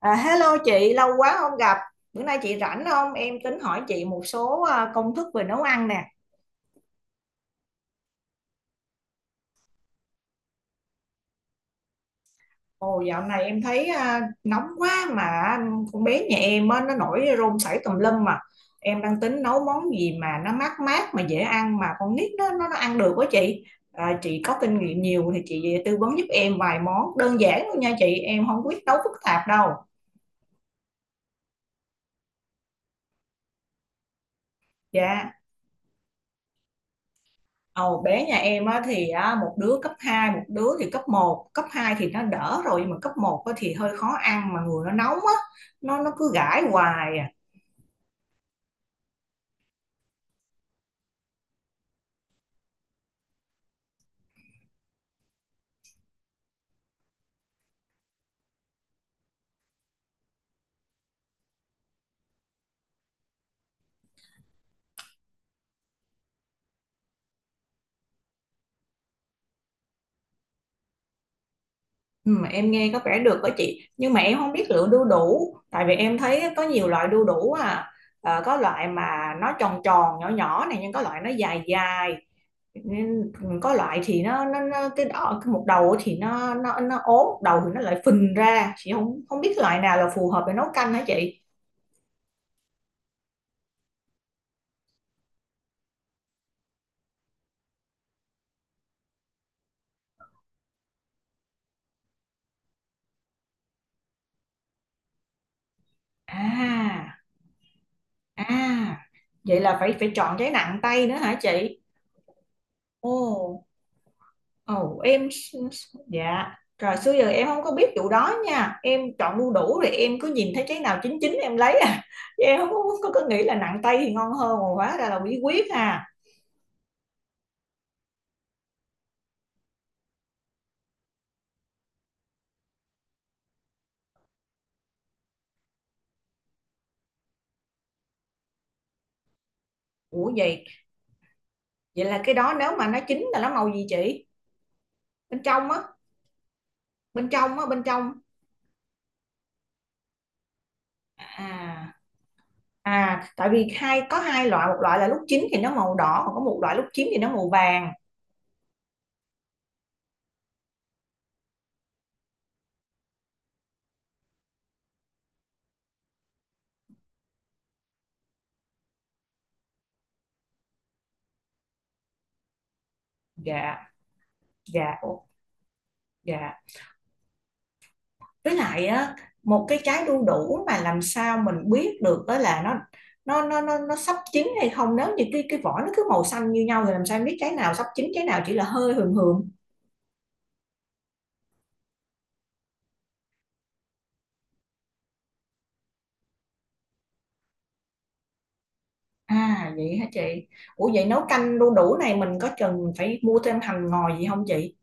À, hello chị, lâu quá không gặp. Bữa nay chị rảnh không? Em tính hỏi chị một số công thức về nấu ăn nè. Ồ, dạo này em thấy nóng quá mà con bé nhà em á, nó nổi rôm sảy tùm lum mà. Em đang tính nấu món gì mà nó mát mát mà dễ ăn mà con nít nó ăn được quá chị. À, chị có kinh nghiệm nhiều thì chị tư vấn giúp em vài món đơn giản thôi nha chị. Em không biết nấu phức tạp đâu. Dạ. Ồ, bé nhà em á, thì á, một đứa cấp hai, một đứa thì cấp một. Cấp 2 thì nó đỡ rồi nhưng mà cấp một á, thì hơi khó ăn mà người nó nóng á, nó cứ gãi hoài à. Ừ, mà em nghe có vẻ được đó chị, nhưng mà em không biết lựa đu đủ, tại vì em thấy có nhiều loại đu đủ à. Có loại mà nó tròn tròn nhỏ nhỏ này nhưng có loại nó dài dài. Nên có loại thì nó cái đỏ, cái một đầu thì nó ốm, một đầu thì nó lại phình ra, chị không không biết loại nào là phù hợp để nấu canh hả chị? À. À, vậy là phải phải chọn cái nặng tay nữa hả chị? Ồ, ồ em s- s- dạ. Rồi xưa giờ em không có biết vụ đó nha. Em chọn đu đủ rồi em cứ nhìn thấy cái nào chín chín em lấy à. Chứ em không có nghĩ là nặng tay thì ngon hơn, mà hóa ra là bí quyết ha. Ủa vậy là cái đó nếu mà nó chín là nó màu gì chị? Bên trong á, bên trong á, bên trong. À, à, tại vì có hai loại, một loại là lúc chín thì nó màu đỏ, còn có một loại lúc chín thì nó màu vàng. Dạ, dạ, ô, dạ. Với lại á, một cái trái đu đủ mà làm sao mình biết được đó là nó sắp chín hay không, nếu như cái vỏ nó cứ màu xanh như nhau thì làm sao em biết trái nào sắp chín, trái nào chỉ là hơi hường hường? À vậy hả chị? Ủa vậy nấu canh đu đủ này mình có cần phải mua thêm hành ngò gì không chị?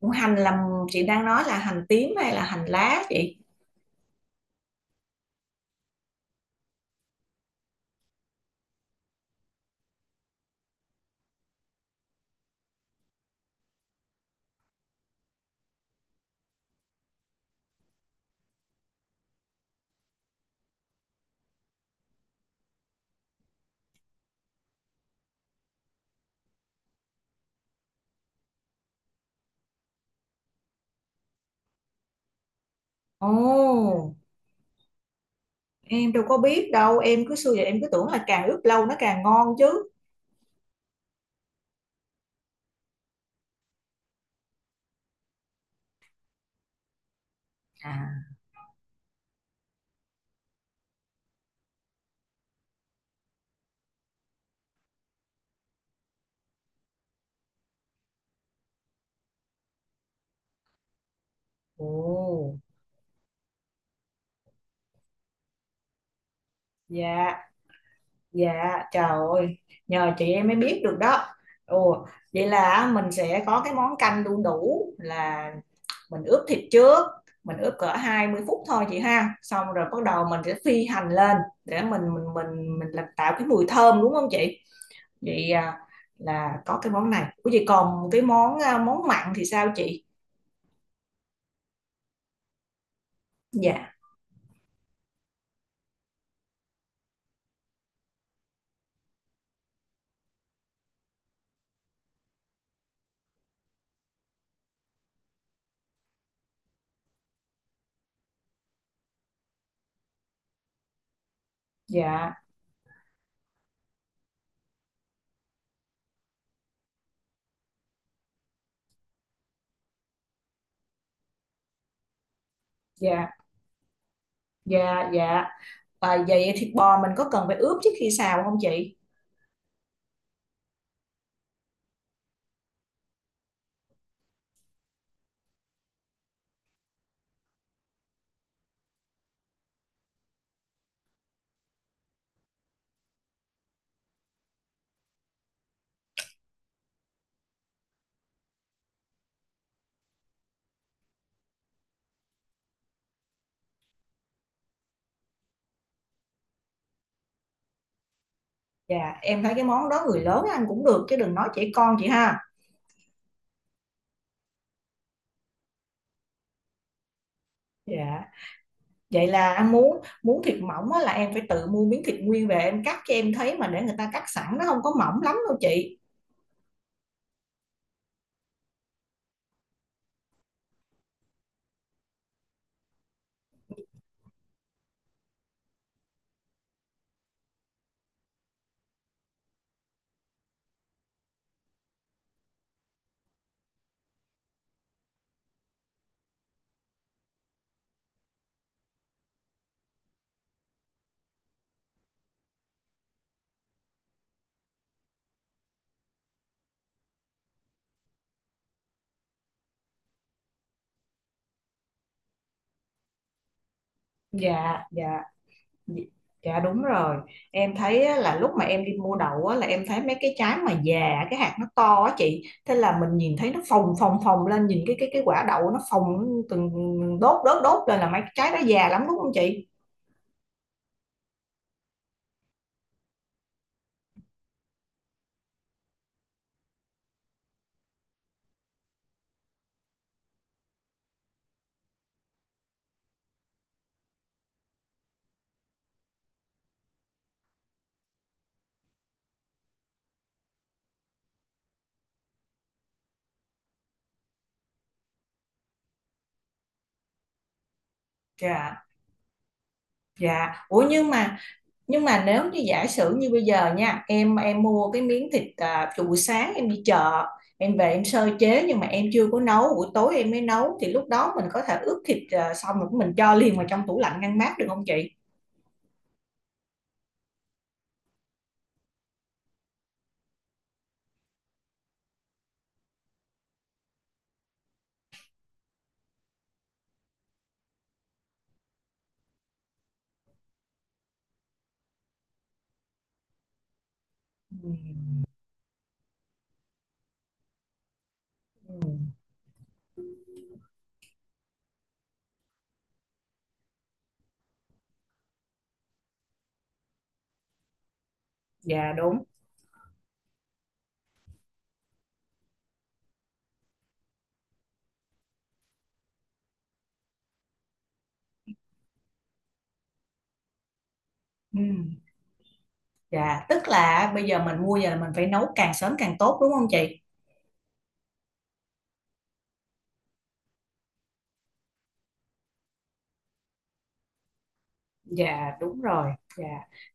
Ủa, hành là chị đang nói là hành tím hay là hành lá chị? Ồ, em đâu có biết đâu, em cứ xưa giờ em cứ tưởng là càng ướp lâu nó càng ngon chứ. À, ồ, dạ. Dạ, trời ơi, nhờ chị em mới biết được đó. Ồ, vậy là mình sẽ có cái món canh đu đủ là mình ướp thịt trước, mình ướp cỡ 20 phút thôi chị ha. Xong rồi bắt đầu mình sẽ phi hành lên để mình làm, tạo cái mùi thơm đúng không chị? Vậy là có cái món này. Ủa vậy còn cái món món mặn thì sao chị? Dạ, dạ, dạ, dạ, dạ. À, vậy thịt bò mình có cần phải ướp trước khi xào không chị? Dạ, em thấy cái món đó người lớn ăn cũng được chứ đừng nói trẻ con chị ha. Dạ, vậy là ăn muốn muốn thịt mỏng á, là em phải tự mua miếng thịt nguyên về em cắt, cho em thấy mà để người ta cắt sẵn nó không có mỏng lắm đâu chị. Dạ, dạ, dạ, dạ, đúng rồi. Em thấy á, là lúc mà em đi mua đậu á, là em thấy mấy cái trái mà già cái hạt nó to á chị. Thế là mình nhìn thấy nó phồng phồng phồng lên, nhìn cái quả đậu nó phồng từng đốt đốt đốt lên là mấy cái trái đó già lắm đúng không chị? Dạ, dạ. Ủa nhưng mà nếu như giả sử như bây giờ nha, em mua cái miếng thịt từ buổi sáng em đi chợ, em về em sơ chế nhưng mà em chưa có nấu, buổi tối em mới nấu, thì lúc đó mình có thể ướp thịt xong rồi mình cho liền vào trong tủ lạnh ngăn mát được không chị? Ừ, dạ đúng. Ừ, dạ tức là bây giờ mình mua giờ là mình phải nấu càng sớm càng tốt đúng không chị? Dạ đúng rồi, dạ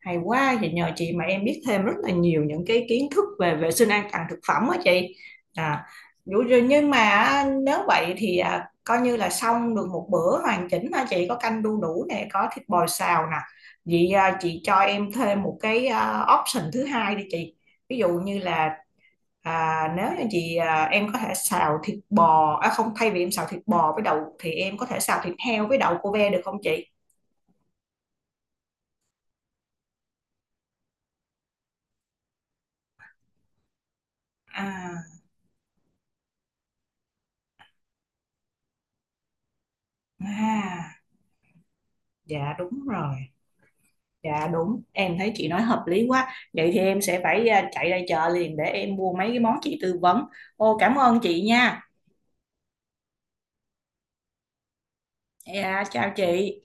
hay quá, vậy nhờ chị mà em biết thêm rất là nhiều những cái kiến thức về vệ sinh an toàn thực phẩm á chị. À, dụ rồi nhưng mà á, nếu vậy thì coi như là xong được một bữa hoàn chỉnh hả chị, có canh đu đủ nè, có thịt bò xào nè. Vậy chị cho em thêm một cái option thứ hai đi chị. Ví dụ như là nếu như chị em có thể xào thịt bò, à không, thay vì em xào thịt bò với đậu thì em có thể xào thịt heo với đậu cô ve được không chị? À À, dạ đúng rồi, dạ đúng, em thấy chị nói hợp lý quá. Vậy thì em sẽ phải chạy ra chợ liền để em mua mấy cái món chị tư vấn. Ô, cảm ơn chị nha. Dạ, chào chị.